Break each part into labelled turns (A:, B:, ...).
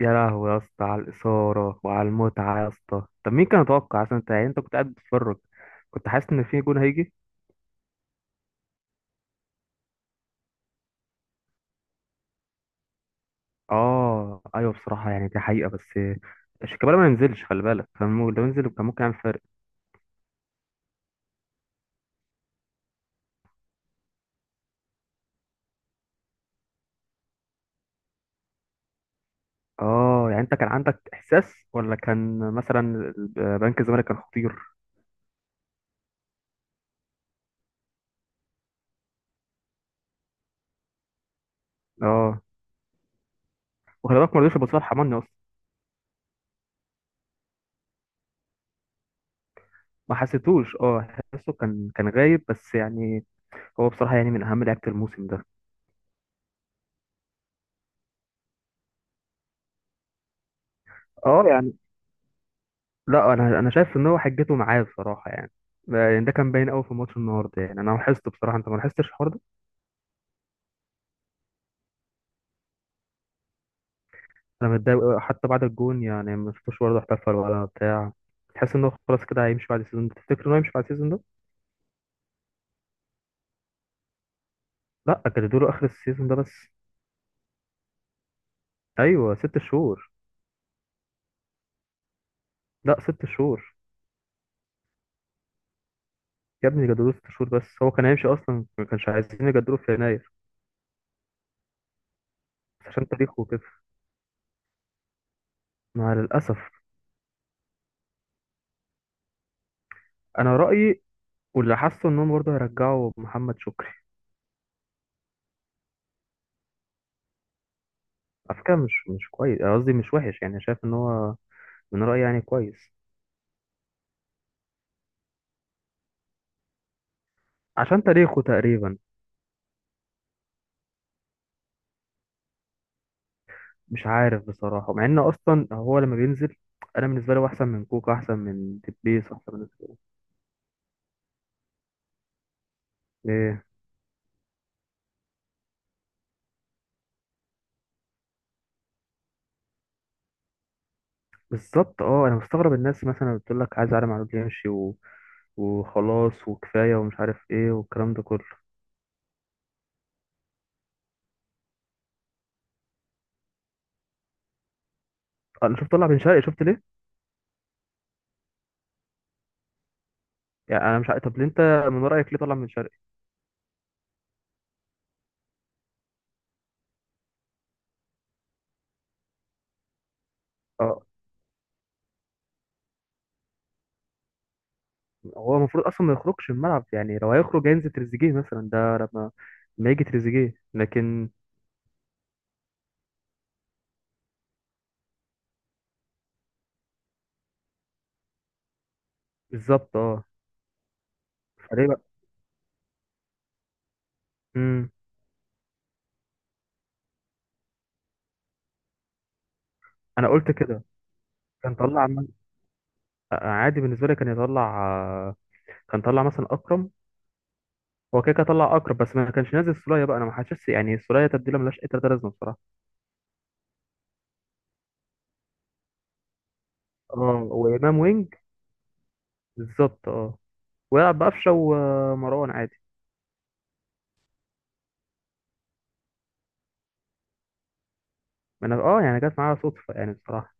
A: يا لهوي يا اسطى، على الإثارة وعلى المتعة يا اسطى. طب مين كان يتوقع أصلا؟ يعني أنت كنت قاعد بتتفرج، كنت حاسس إن في جون هيجي؟ آه أيوه بصراحة، يعني دي حقيقة. بس شيكابالا ما ينزلش، خلي بالك، لو ينزل كان ممكن يعمل فرق. آه، يعني أنت كان عندك إحساس، ولا كان مثلا بنك الزمالك كان خطير؟ آه، وخلي بالك ما رضيش يبص لحماني أصلا. ما حسيتوش. اه، حسيته كان غايب بس يعني. هو بصراحة يعني من أهم لعيبة الموسم ده. اه. لا، انا شايف ان هو حجته معاه بصراحه يعني. يعني ده كان باين قوي في ماتش النهارده، يعني انا لاحظت بصراحه، انت ما لاحظتش الحوار ده؟ انا متضايق أوي، حتى بعد الجون يعني ما شفتوش برضه احتفل ولا بتاع. تحس انه خلاص كده هيمشي بعد السيزون ده؟ تفتكر انه هيمشي بعد السيزون ده؟ لا، جددوا له اخر السيزون ده بس. ايوه، ست شهور. لا، ست شهور. يا ابني جددوا له ست شهور بس، هو كان هيمشي اصلا، ما كانش عايزين يجددوا في يناير. بس عشان تاريخه وكده، مع للاسف. انا رايي، واللي حاسه انهم برضه هيرجعوا محمد شكري. على فكرة مش كويس، أنا قصدي مش وحش، يعني شايف ان هو، من رأيي يعني كويس. عشان تاريخه تقريبا. مش عارف بصراحة، مع ان اصلا هو لما بينزل، انا بالنسبة لي هو احسن من كوكا، احسن من تبيس، احسن من. ايه؟ بالظبط اه، انا مستغرب الناس مثلا بتقول لك عايز عالم معلول يمشي وخلاص وكفاية ومش عارف ايه والكلام ده كله. انا شفت طلع بن شرقي، شفت ليه؟ يعني انا مش عارف، طب ليه انت، من رأيك ليه طلع بن شرقي؟ اه. هو المفروض اصلا ما يخرجش من الملعب، يعني لو هيخرج هينزل تريزيجيه مثلا، ده لما ما يجي تريزيجيه لكن. بالظبط اه. فليه بقى؟ امم. انا قلت كده. كان طلع م- عادي بالنسبه لي كان يطلع. كان طلع مثلا اكرم. هو كده كده طلع اكرم، بس ما كانش نازل سولية بقى، انا ما حاسس يعني سولية تبديله ملهاش اي تلاته لازمه بصراحه. اه، وامام وينج. بالظبط اه. ويلعب بقفشه ومروان عادي. ما انا اه، يعني جت معايا صدفه يعني بصراحه.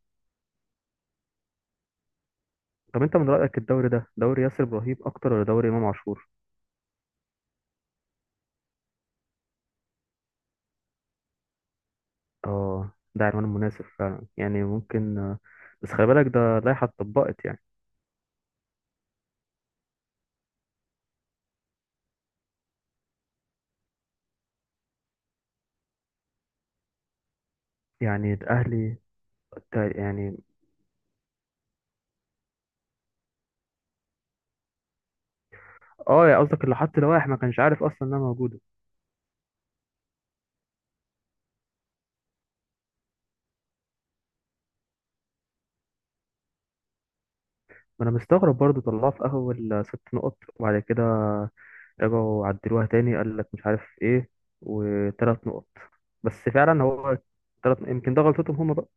A: طب انت من رايك الدوري ده دوري ياسر ابراهيم اكتر، ولا دوري امام عاشور؟ اه، ده عنوان مناسب فعلا يعني ممكن. بس خلي بالك ده لائحة اتطبقت يعني. يعني الأهلي، يعني. اه، يا قصدك اللي حط لوائح ما كانش عارف أصلا إنها موجودة. ما أنا مستغرب برضه طلعوها في أول ست نقط، وبعد كده رجعوا عدلوها تاني، قال لك مش عارف إيه، وتلات نقط. بس فعلا هو، تلات، يمكن ده غلطتهم هما بقى.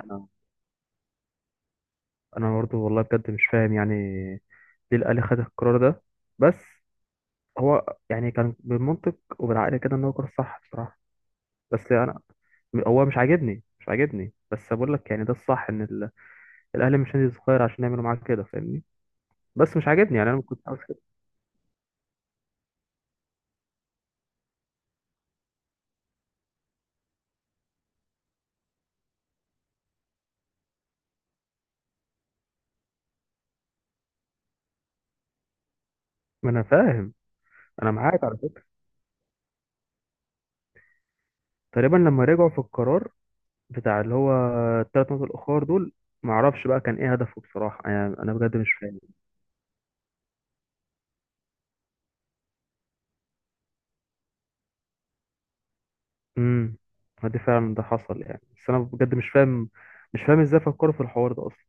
A: أنا أنا برضه والله بجد مش فاهم يعني، ليه الأهلي خد القرار ده؟ بس هو يعني كان بالمنطق وبالعقل كده إن هو قرار صح بصراحة. بس انا، هو مش عاجبني، مش عاجبني بس بقول لك يعني ده الصح، الاهلي مش نادي صغير عشان يعملوا معاك كده، فاهمني؟ بس مش عاجبني يعني، انا ما كنت عاوز كده. ما انا فاهم. انا معاك على فكره، تقريبا لما رجعوا في القرار بتاع اللي هو الثلاث نقط الاخر دول، ما اعرفش بقى كان ايه هدفه بصراحه، يعني انا بجد مش فاهم. امم، ما دي فعلا ده حصل يعني، بس انا بجد مش فاهم، مش فاهم ازاي فكروا في الحوار ده اصلا.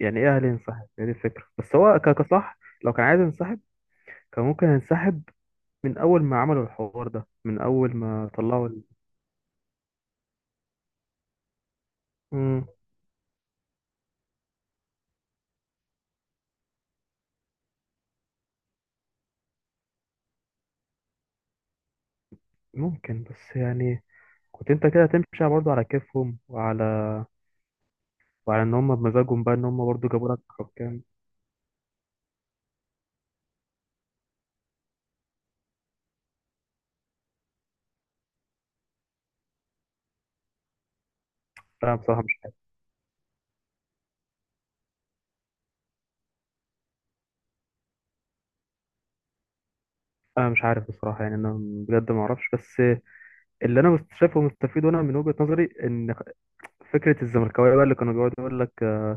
A: يعني ايه اهلي ينسحب؟ هي دي الفكره، بس هو كصح لو كان عايز ينسحب، كان ممكن ينسحب من اول ما عملوا الحوار ده، من اول ما طلعوا مم، ممكن بس يعني، كنت انت كده تمشي برضه على كيفهم، وعلى، وعلى ان هم بمزاجهم بقى، ان هم برضه جابوا لك حكام. لا بصراحه مش عارف. انا مش عارف بصراحه يعني، انا بجد ما اعرفش، بس اللي انا شايفه مستفيد، وانا من وجهه نظري، ان فكره الزملكاويه بقى اللي كانوا بيقعدوا يقول لك،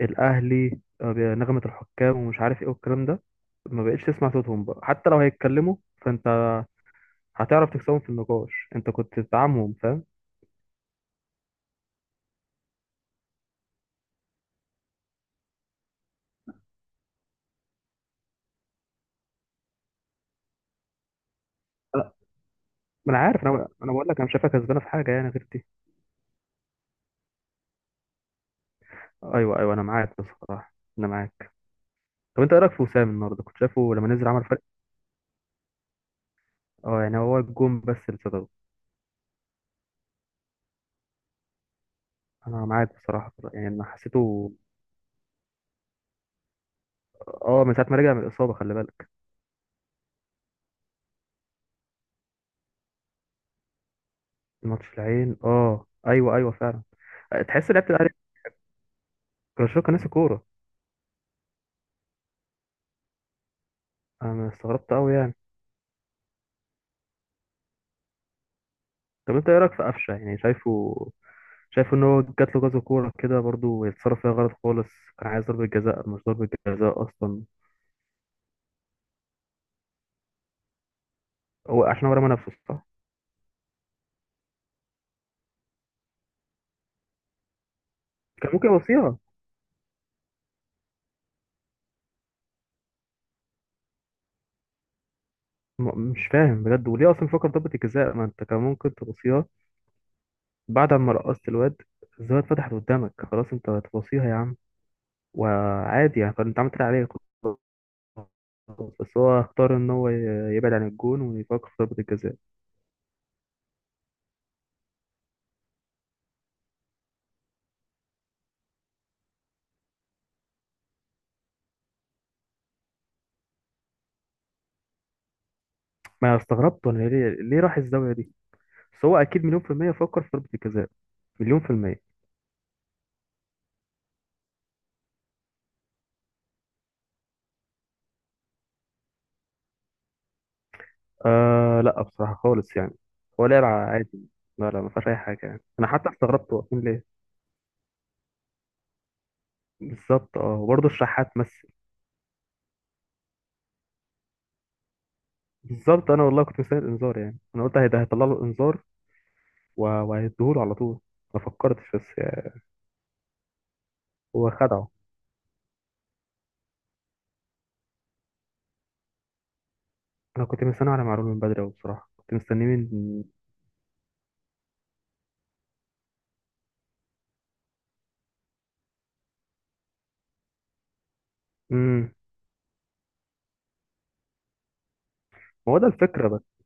A: الاهلي، نغمه الحكام ومش عارف ايه والكلام ده، ما بقتش تسمع صوتهم بقى، حتى لو هيتكلموا فانت هتعرف تكسبهم في النقاش، انت كنت بتدعمهم، فاهم؟ ما انا عارف، انا بقول لك انا مش شايفها كسبانه في حاجه يعني غير دي. ايوه ايوه، انا معاك بصراحه، انا معاك. طب انت ايه رايك في وسام النهارده، كنت شايفه لما نزل عمل فرق؟ اه، يعني هو الجون بس اللي صدره. انا معاك بصراحه يعني، انا حسيته. اه، من ساعه ما رجع من الاصابه، خلي بالك. الماتش العين، اه ايوه ايوه فعلا. تحس لعبت الاهلي، كرشوكا كان ناسي كوره. انا استغربت قوي يعني. طب انت ايه رايك في قفشه؟ يعني شايفه، شايف ان هو جات له كذا كوره كده برضو يتصرف فيها غلط خالص. كان عايز ضربه جزاء، مش ضربه جزاء اصلا. هو عشان هو رمى نفسه، صح. كان ممكن يوصيها. مش فاهم بجد. وليه اصلا فكر ضربة الجزاء؟ ما انت كان ممكن تبصيها بعد ما رقصت الواد، الزاوية اتفتحت قدامك، خلاص انت هتبصيها يا عم، وعادي يعني، كان انت عملت اللي عليك، خلاص. بس هو اختار ان هو يبعد عن الجون ويفكر في ضربة الجزاء. ما أنا استغربت، وانا ليه، راح الزاوية دي. بس هو اكيد مليون في المية فكر في ضربة الجزاء. مليون في المية. آه لا بصراحة خالص يعني. هو لعب عادي. لا لا، ما فيهاش أي حاجة يعني، أنا حتى استغربت واقفين ليه. بالظبط اه، وبرضه الشحات مثل. بالظبط، انا والله كنت مستني الانذار، يعني انا قلت هيدا هيطلع له انذار و- وهيديهوله على طول. ما فكرتش بس يعني. هو خدعه. انا كنت مستني على معلول من بدري أوي بصراحه، كنت مستنيه من. امم. ما هو ده الفكره بس.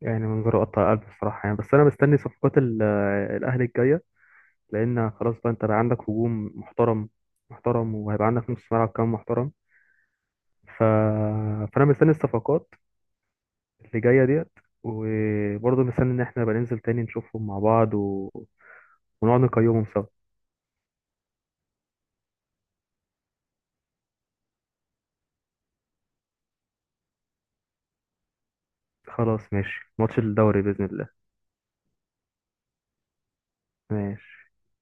A: يعني من غير قطع قلب بصراحه يعني. بس انا مستني صفقات الاهلي الجايه، لان خلاص بقى انت بقى عندك هجوم محترم محترم، وهيبقى عندك نص ملعب كمان محترم، ف... فانا مستني الصفقات اللي جايه ديت. وبرضه مستني ان احنا نبقى ننزل تاني نشوفهم مع بعض، ونقعد نقيمهم سوا. خلاص ماشي، ماتش الدوري بإذن الله. ماشي.